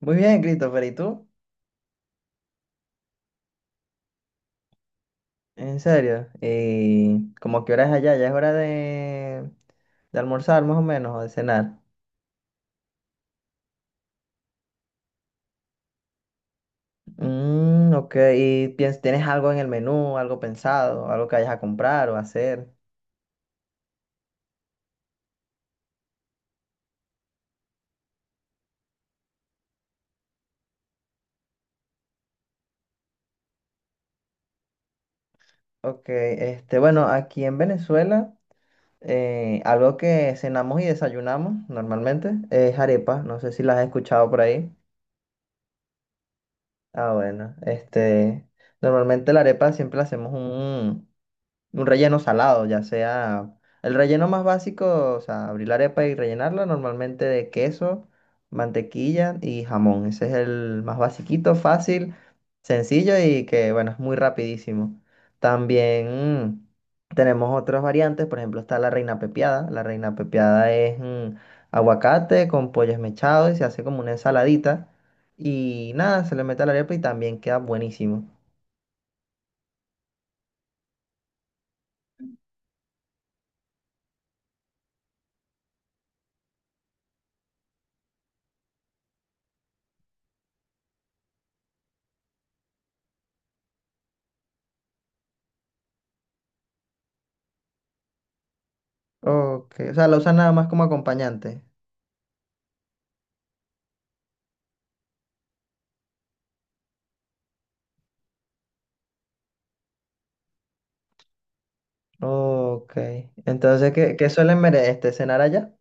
Muy bien, Christopher, ¿y tú? En serio. ¿Y como qué hora es allá? Ya es hora de almorzar más o menos o de cenar. Ok, ¿y tienes algo en el menú, algo pensado, algo que vayas a comprar o hacer? Ok, este, bueno, aquí en Venezuela, algo que cenamos y desayunamos normalmente es arepa. No sé si las has escuchado por ahí. Ah, bueno, este, normalmente la arepa siempre la hacemos un relleno salado, ya sea el relleno más básico, o sea, abrir la arepa y rellenarla normalmente de queso, mantequilla y jamón. Ese es el más basiquito, fácil, sencillo y que, bueno, es muy rapidísimo. También tenemos otras variantes, por ejemplo, está la reina pepiada. La reina pepiada es aguacate con pollo esmechado y se hace como una ensaladita. Y nada, se le mete a la arepa y también queda buenísimo. Ok, o sea, la usan nada más como acompañante. Ok. Entonces, ¿qué suelen cenar allá?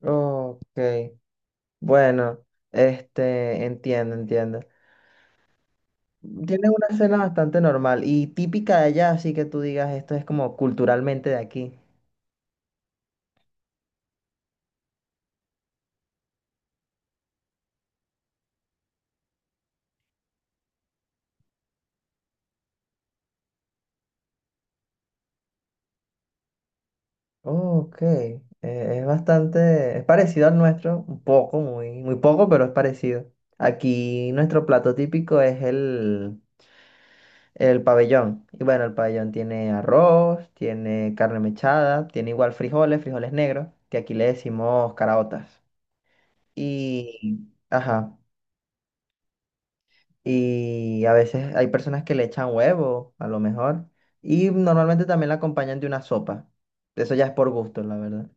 Ok. Bueno, este, entiendo, entiendo. Tienes una cena bastante normal y típica de allá, así que tú digas, esto es como culturalmente de aquí. Ok. Eh, es bastante, es parecido al nuestro, un poco, muy, muy poco, pero es parecido. Aquí nuestro plato típico es el pabellón. Y bueno, el pabellón tiene arroz, tiene carne mechada, tiene igual frijoles, frijoles negros, que aquí le decimos caraotas. Y, ajá, y a veces hay personas que le echan huevo, a lo mejor. Y normalmente también la acompañan de una sopa. Eso ya es por gusto, la verdad.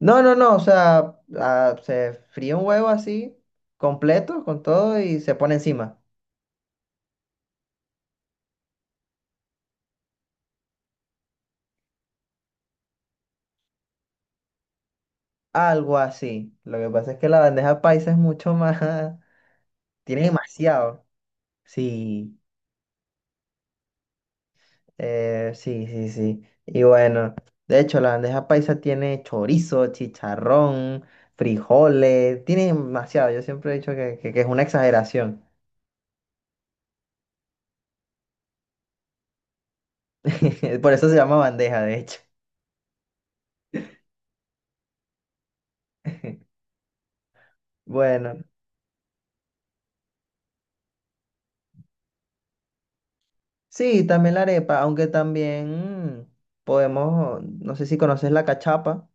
No, no, no, o sea, ah, se fríe un huevo así, completo, con todo, y se pone encima. Algo así. Lo que pasa es que la bandeja paisa es mucho más... Tiene demasiado. Sí, sí, sí, sí. Y bueno, de hecho, la bandeja paisa tiene chorizo, chicharrón, frijoles, tiene demasiado. Yo siempre he dicho que es una exageración. Por eso se llama bandeja, de hecho. Bueno, sí, también la arepa, aunque también podemos, no sé si conoces la cachapa.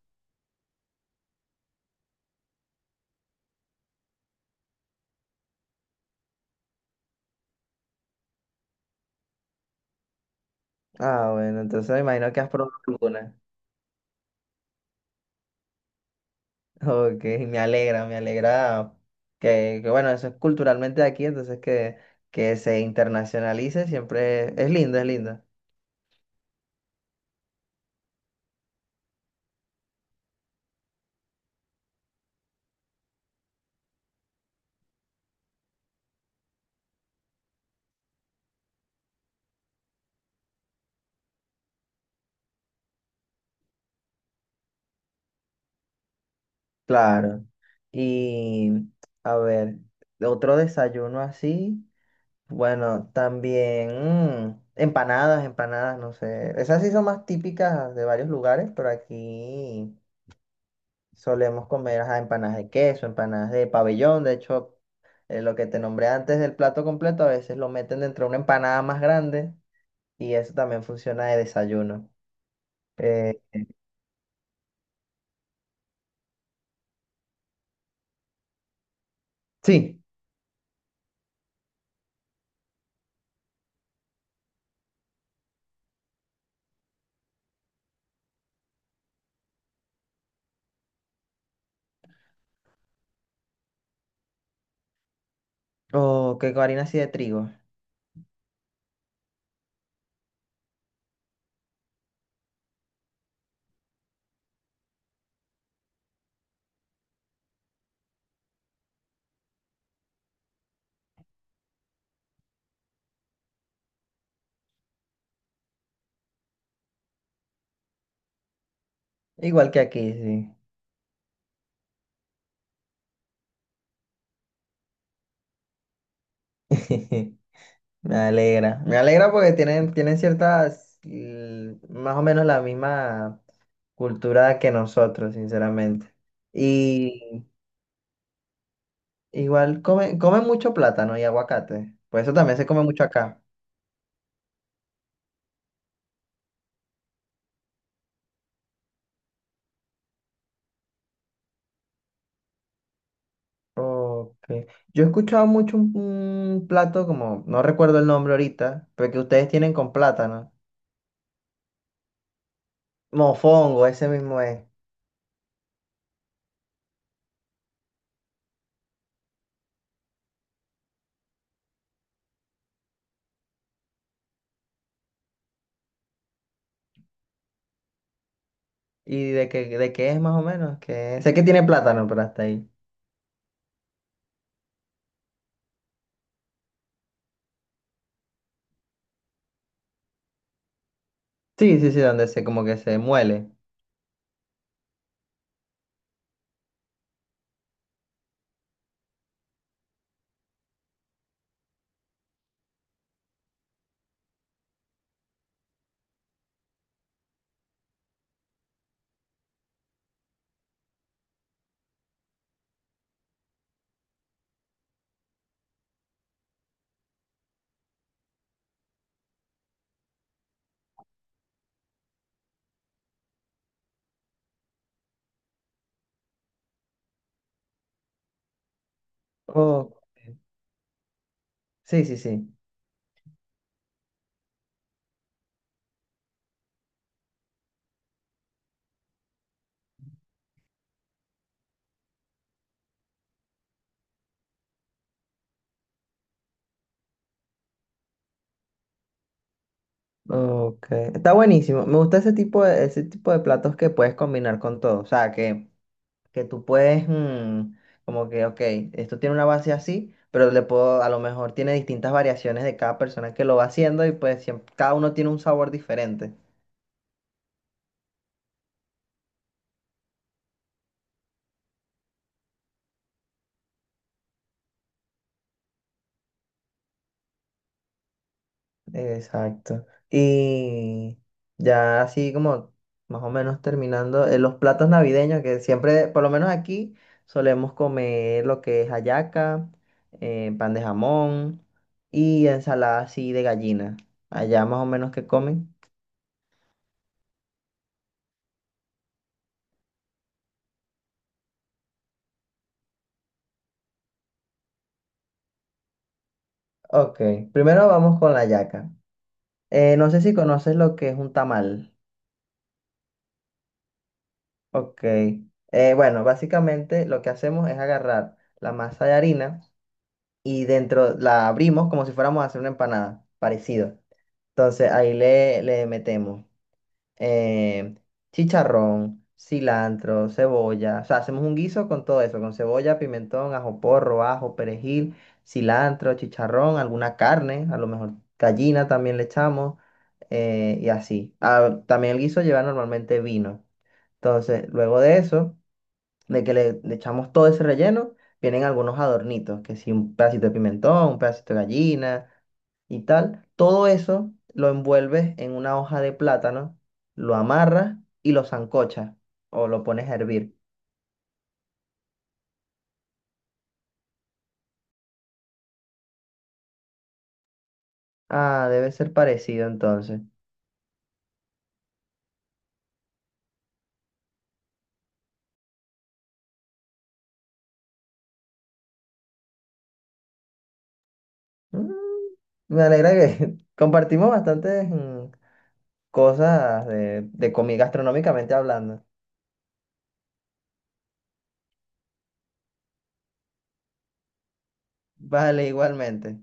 Ah, bueno, entonces me imagino que has probado alguna. Ok, me alegra que, bueno, eso es culturalmente de aquí, entonces que se internacionalice siempre es lindo, es lindo. Claro. Y a ver, otro desayuno así, bueno, también empanadas, empanadas, no sé, esas sí son más típicas de varios lugares, pero aquí solemos comer ajá, empanadas de queso, empanadas de pabellón. De hecho, lo que te nombré antes del plato completo, a veces lo meten dentro de una empanada más grande y eso también funciona de desayuno. Eh, sí, o que con harina así de trigo. Igual que aquí, sí. Me alegra. Me alegra porque tienen, tienen ciertas, más o menos la misma cultura que nosotros, sinceramente. Y igual comen mucho plátano y aguacate. Pues eso también se come mucho acá. Ok. Yo he escuchado mucho un plato como, no recuerdo el nombre ahorita, pero que ustedes tienen con plátano. Mofongo, ese mismo es. ¿Y de qué es más o menos? Que... Sé que tiene plátano, pero hasta ahí. Sí, sí, sí, donde se como que se muele. Oh, sí, sí, sí. Ok. Está buenísimo. Me gusta ese tipo de platos que puedes combinar con todo. O sea, que tú puedes, como que, ok, esto tiene una base así, pero le puedo, a lo mejor tiene distintas variaciones de cada persona que lo va haciendo y pues siempre, cada uno tiene un sabor diferente. Exacto. Y ya así como más o menos terminando, los platos navideños que siempre, por lo menos aquí, solemos comer lo que es hallaca, pan de jamón y ensalada así de gallina. Allá más o menos que comen. Ok, primero vamos con la hallaca. No sé si conoces lo que es un tamal. Ok. Bueno, básicamente lo que hacemos es agarrar la masa de harina y dentro la abrimos como si fuéramos a hacer una empanada, parecido. Entonces ahí le metemos. Eh, chicharrón, cilantro, cebolla. O sea, hacemos un guiso con todo eso, con cebolla, pimentón, ajo porro, ajo, perejil, cilantro, chicharrón, alguna carne, a lo mejor gallina también le echamos y así. Ah, también el guiso lleva normalmente vino. Entonces, luego de eso, de que le echamos todo ese relleno, vienen algunos adornitos, que si un pedacito de pimentón, un pedacito de gallina y tal. Todo eso lo envuelves en una hoja de plátano, lo amarras y lo sancochas o lo pones a hervir. Ah, debe ser parecido entonces. Mm, me alegra que compartimos bastantes cosas de, gastronómicamente hablando. Vale, igualmente.